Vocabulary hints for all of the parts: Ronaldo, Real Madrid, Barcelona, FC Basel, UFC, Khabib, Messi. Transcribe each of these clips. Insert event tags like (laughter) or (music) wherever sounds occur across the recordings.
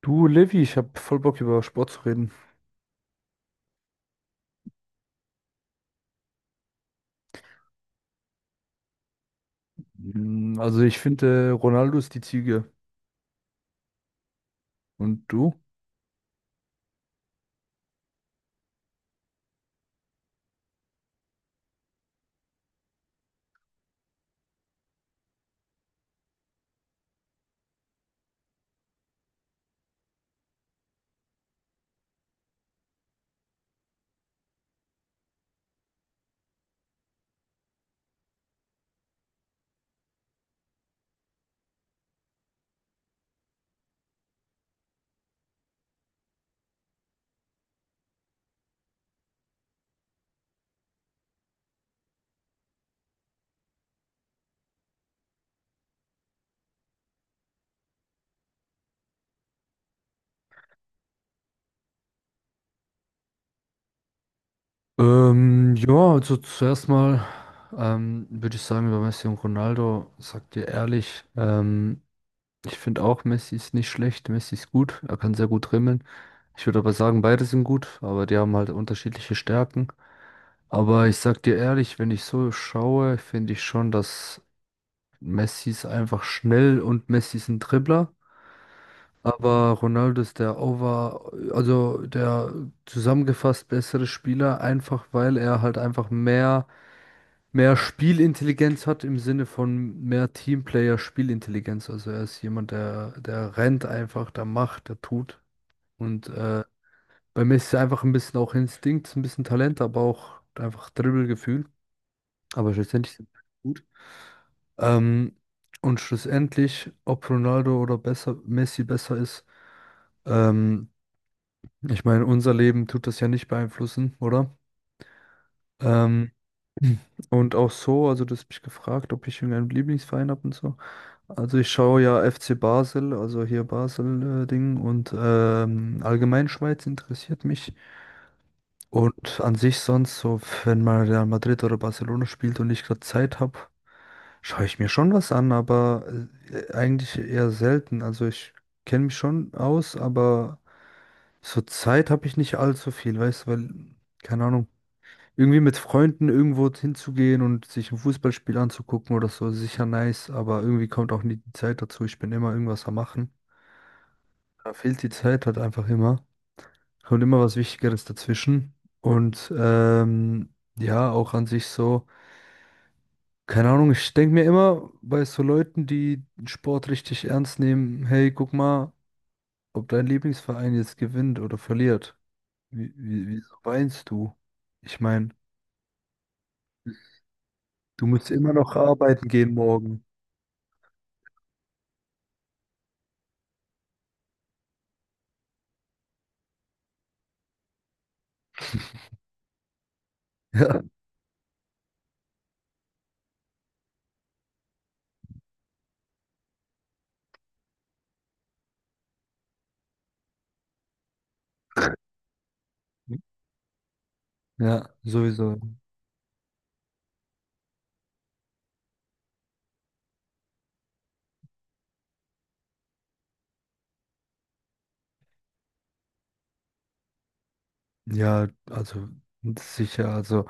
Du, Levi, ich habe voll Bock über Sport zu reden. Mm, also ich finde, Ronaldo ist die Ziege. Und du? Ja, also zuerst mal würde ich sagen, über Messi und Ronaldo, sagt dir ehrlich, ich finde auch, Messi ist nicht schlecht, Messi ist gut, er kann sehr gut dribbeln. Ich würde aber sagen, beide sind gut, aber die haben halt unterschiedliche Stärken. Aber ich sag dir ehrlich, wenn ich so schaue, finde ich schon, dass Messi ist einfach schnell und Messi ist ein Dribbler. Aber Ronaldo ist der over, also der zusammengefasst bessere Spieler, einfach weil er halt einfach mehr Spielintelligenz hat im Sinne von mehr Teamplayer-Spielintelligenz. Also er ist jemand, der rennt einfach, der macht, der tut. Und bei Messi ist einfach ein bisschen auch Instinkt, ein bisschen Talent, aber auch einfach Dribbelgefühl. Aber schlussendlich sind beide gut. Ähm, und schlussendlich, ob Ronaldo oder besser, Messi besser ist, ähm, ich meine, unser Leben tut das ja nicht beeinflussen, oder? Ähm, (clears throat) und auch so, also du hast mich gefragt, ob ich irgendeinen Lieblingsverein habe und so. Also ich schaue ja FC Basel, also hier Basel-Ding und allgemein Schweiz interessiert mich. Und an sich sonst, so wenn mal Real Madrid oder Barcelona spielt und ich gerade Zeit habe, schaue ich mir schon was an, aber eigentlich eher selten. Also ich kenne mich schon aus, aber so Zeit habe ich nicht allzu viel, weißt du, weil, keine Ahnung, irgendwie mit Freunden irgendwo hinzugehen und sich ein Fußballspiel anzugucken oder so, ist sicher nice, aber irgendwie kommt auch nie die Zeit dazu. Ich bin immer irgendwas am Machen. Da fehlt die Zeit halt einfach immer. Kommt immer was Wichtigeres dazwischen. Und ja, auch an sich so. Keine Ahnung, ich denke mir immer bei so Leuten, die den Sport richtig ernst nehmen, hey, guck mal, ob dein Lieblingsverein jetzt gewinnt oder verliert. Wieso weinst du? Ich meine, du musst immer noch arbeiten gehen morgen. (laughs) Ja, ja, sowieso. Ja, also sicher, also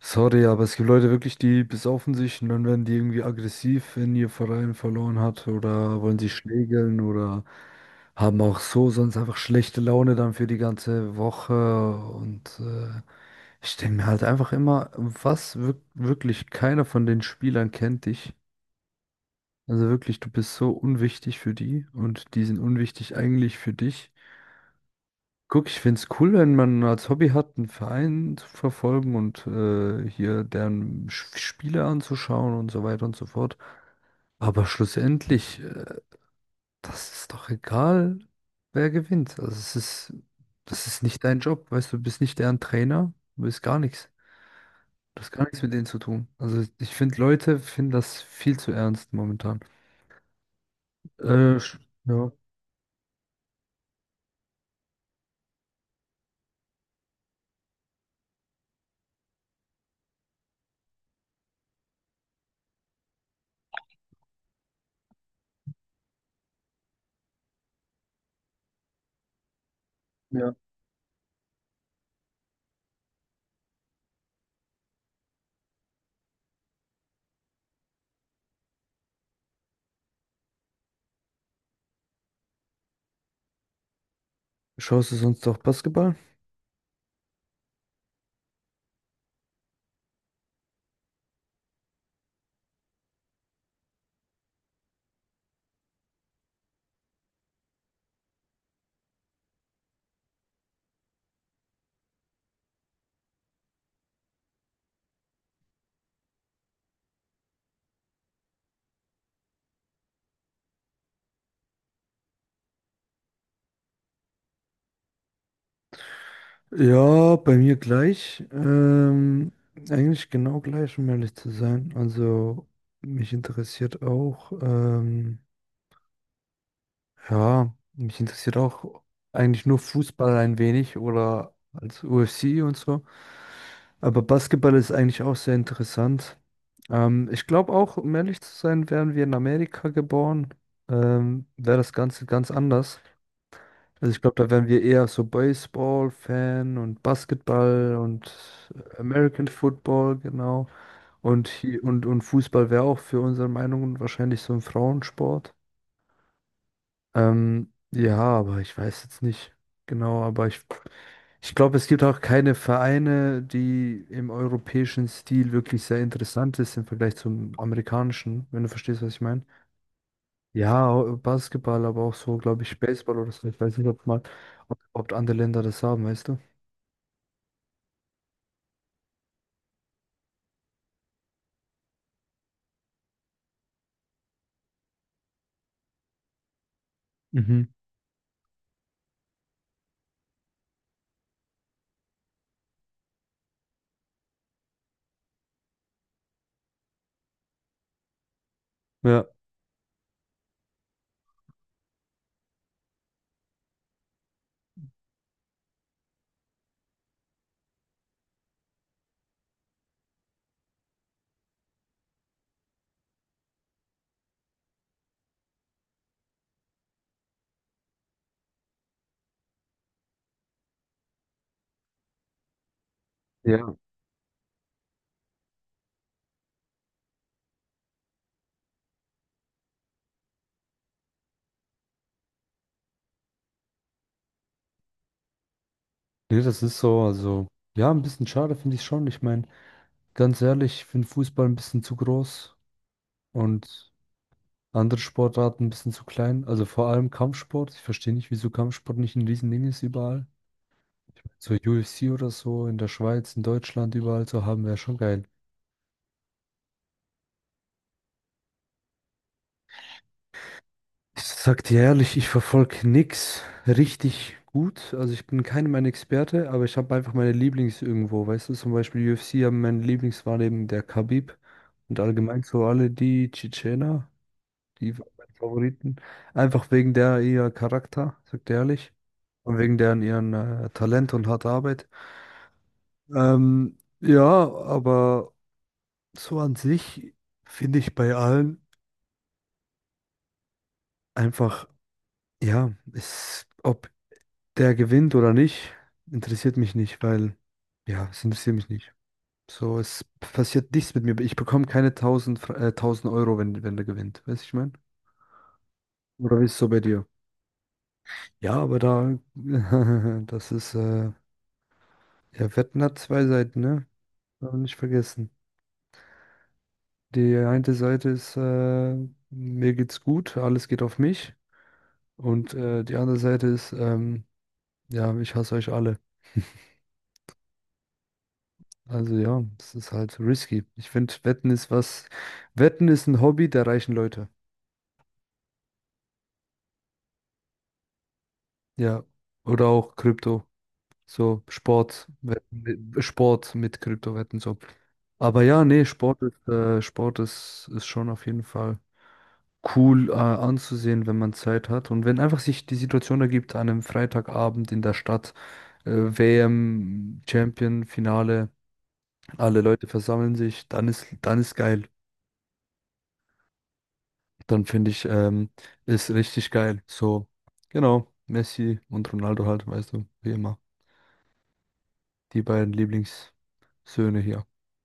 sorry, aber es gibt Leute wirklich, die besaufen sich und dann werden die irgendwie aggressiv, wenn ihr Verein verloren hat oder wollen sich schlägeln oder haben auch so sonst einfach schlechte Laune dann für die ganze Woche und ich denke mir halt einfach immer, was wirklich keiner von den Spielern kennt dich. Also wirklich, du bist so unwichtig für die und die sind unwichtig eigentlich für dich. Guck, ich find's cool, wenn man als Hobby hat, einen Verein zu verfolgen und hier deren Spiele anzuschauen und so weiter und so fort. Aber schlussendlich, das ist doch egal, wer gewinnt. Also es ist, das ist nicht dein Job, weißt du, du bist nicht deren Trainer, du bist gar nichts. Du hast gar nichts mit denen zu tun. Also ich finde, Leute finden das viel zu ernst momentan. Äh, sch- ja. Ja. Schaust du sonst auch Basketball? Ja, bei mir gleich. Eigentlich genau gleich, um ehrlich zu sein. Also mich interessiert auch, ja, mich interessiert auch eigentlich nur Fußball ein wenig oder als UFC und so. Aber Basketball ist eigentlich auch sehr interessant. Ich glaube auch, um ehrlich zu sein, wären wir in Amerika geboren, wäre das Ganze ganz anders. Also ich glaube, da wären wir eher so Baseball-Fan und Basketball und American Football, genau. Und, hier, und Fußball wäre auch für unsere Meinungen wahrscheinlich so ein Frauensport. Ja, aber ich weiß jetzt nicht genau, aber ich glaube, es gibt auch keine Vereine, die im europäischen Stil wirklich sehr interessant ist im Vergleich zum amerikanischen, wenn du verstehst, was ich meine. Ja, Basketball, aber auch so, glaube ich, Baseball oder so. Ich weiß nicht, ob mal, ob andere Länder das haben, weißt du? Mhm. Ja. Ja. Nee, das ist so. Also, ja, ein bisschen schade finde ich schon. Ich meine, ganz ehrlich, ich finde Fußball ein bisschen zu groß und andere Sportarten ein bisschen zu klein. Also vor allem Kampfsport. Ich verstehe nicht, wieso Kampfsport nicht ein Riesending ist überall. So UFC oder so in der Schweiz, in Deutschland, überall zu haben, wäre schon geil. Ich sag dir ehrlich, ich verfolge nix richtig gut. Also ich bin keinem ein Experte, aber ich habe einfach meine Lieblings irgendwo. Weißt du, zum Beispiel UFC haben meine Lieblings war eben der Khabib und allgemein so alle die Tschetschener, die waren meine Favoriten. Einfach wegen der ihr Charakter, sag dir ehrlich. Und wegen deren ihren Talent und harter Arbeit. Ja, aber so an sich finde ich bei allen einfach, ja, ist, ob der gewinnt oder nicht, interessiert mich nicht, weil, ja, es interessiert mich nicht. So, es passiert nichts mit mir. Ich bekomme keine 1000 Euro, wenn der gewinnt. Weißt du, ich meine? Oder wie ist es so bei dir? Ja, aber da, (laughs) das ist, ja, Wetten hat zwei Seiten, ne? Darf man nicht vergessen. Die eine Seite ist, mir geht's gut, alles geht auf mich. Und die andere Seite ist, ja, ich hasse euch alle. Also ja, das ist halt risky. Ich finde, Wetten ist was. Wetten ist ein Hobby der reichen Leute. Ja. Oder auch Krypto. So Sport, Wetten, Sport mit Kryptowetten so. Aber ja, nee, Sport ist, ist schon auf jeden Fall cool, anzusehen, wenn man Zeit hat. Und wenn einfach sich die Situation ergibt, an einem Freitagabend in der Stadt, äh, WM, Champion, Finale, alle Leute versammeln sich, dann ist geil. Dann finde ich, ist richtig geil. So, genau, Messi und Ronaldo halt, weißt du, wie immer. Die beiden Lieblingssöhne hier.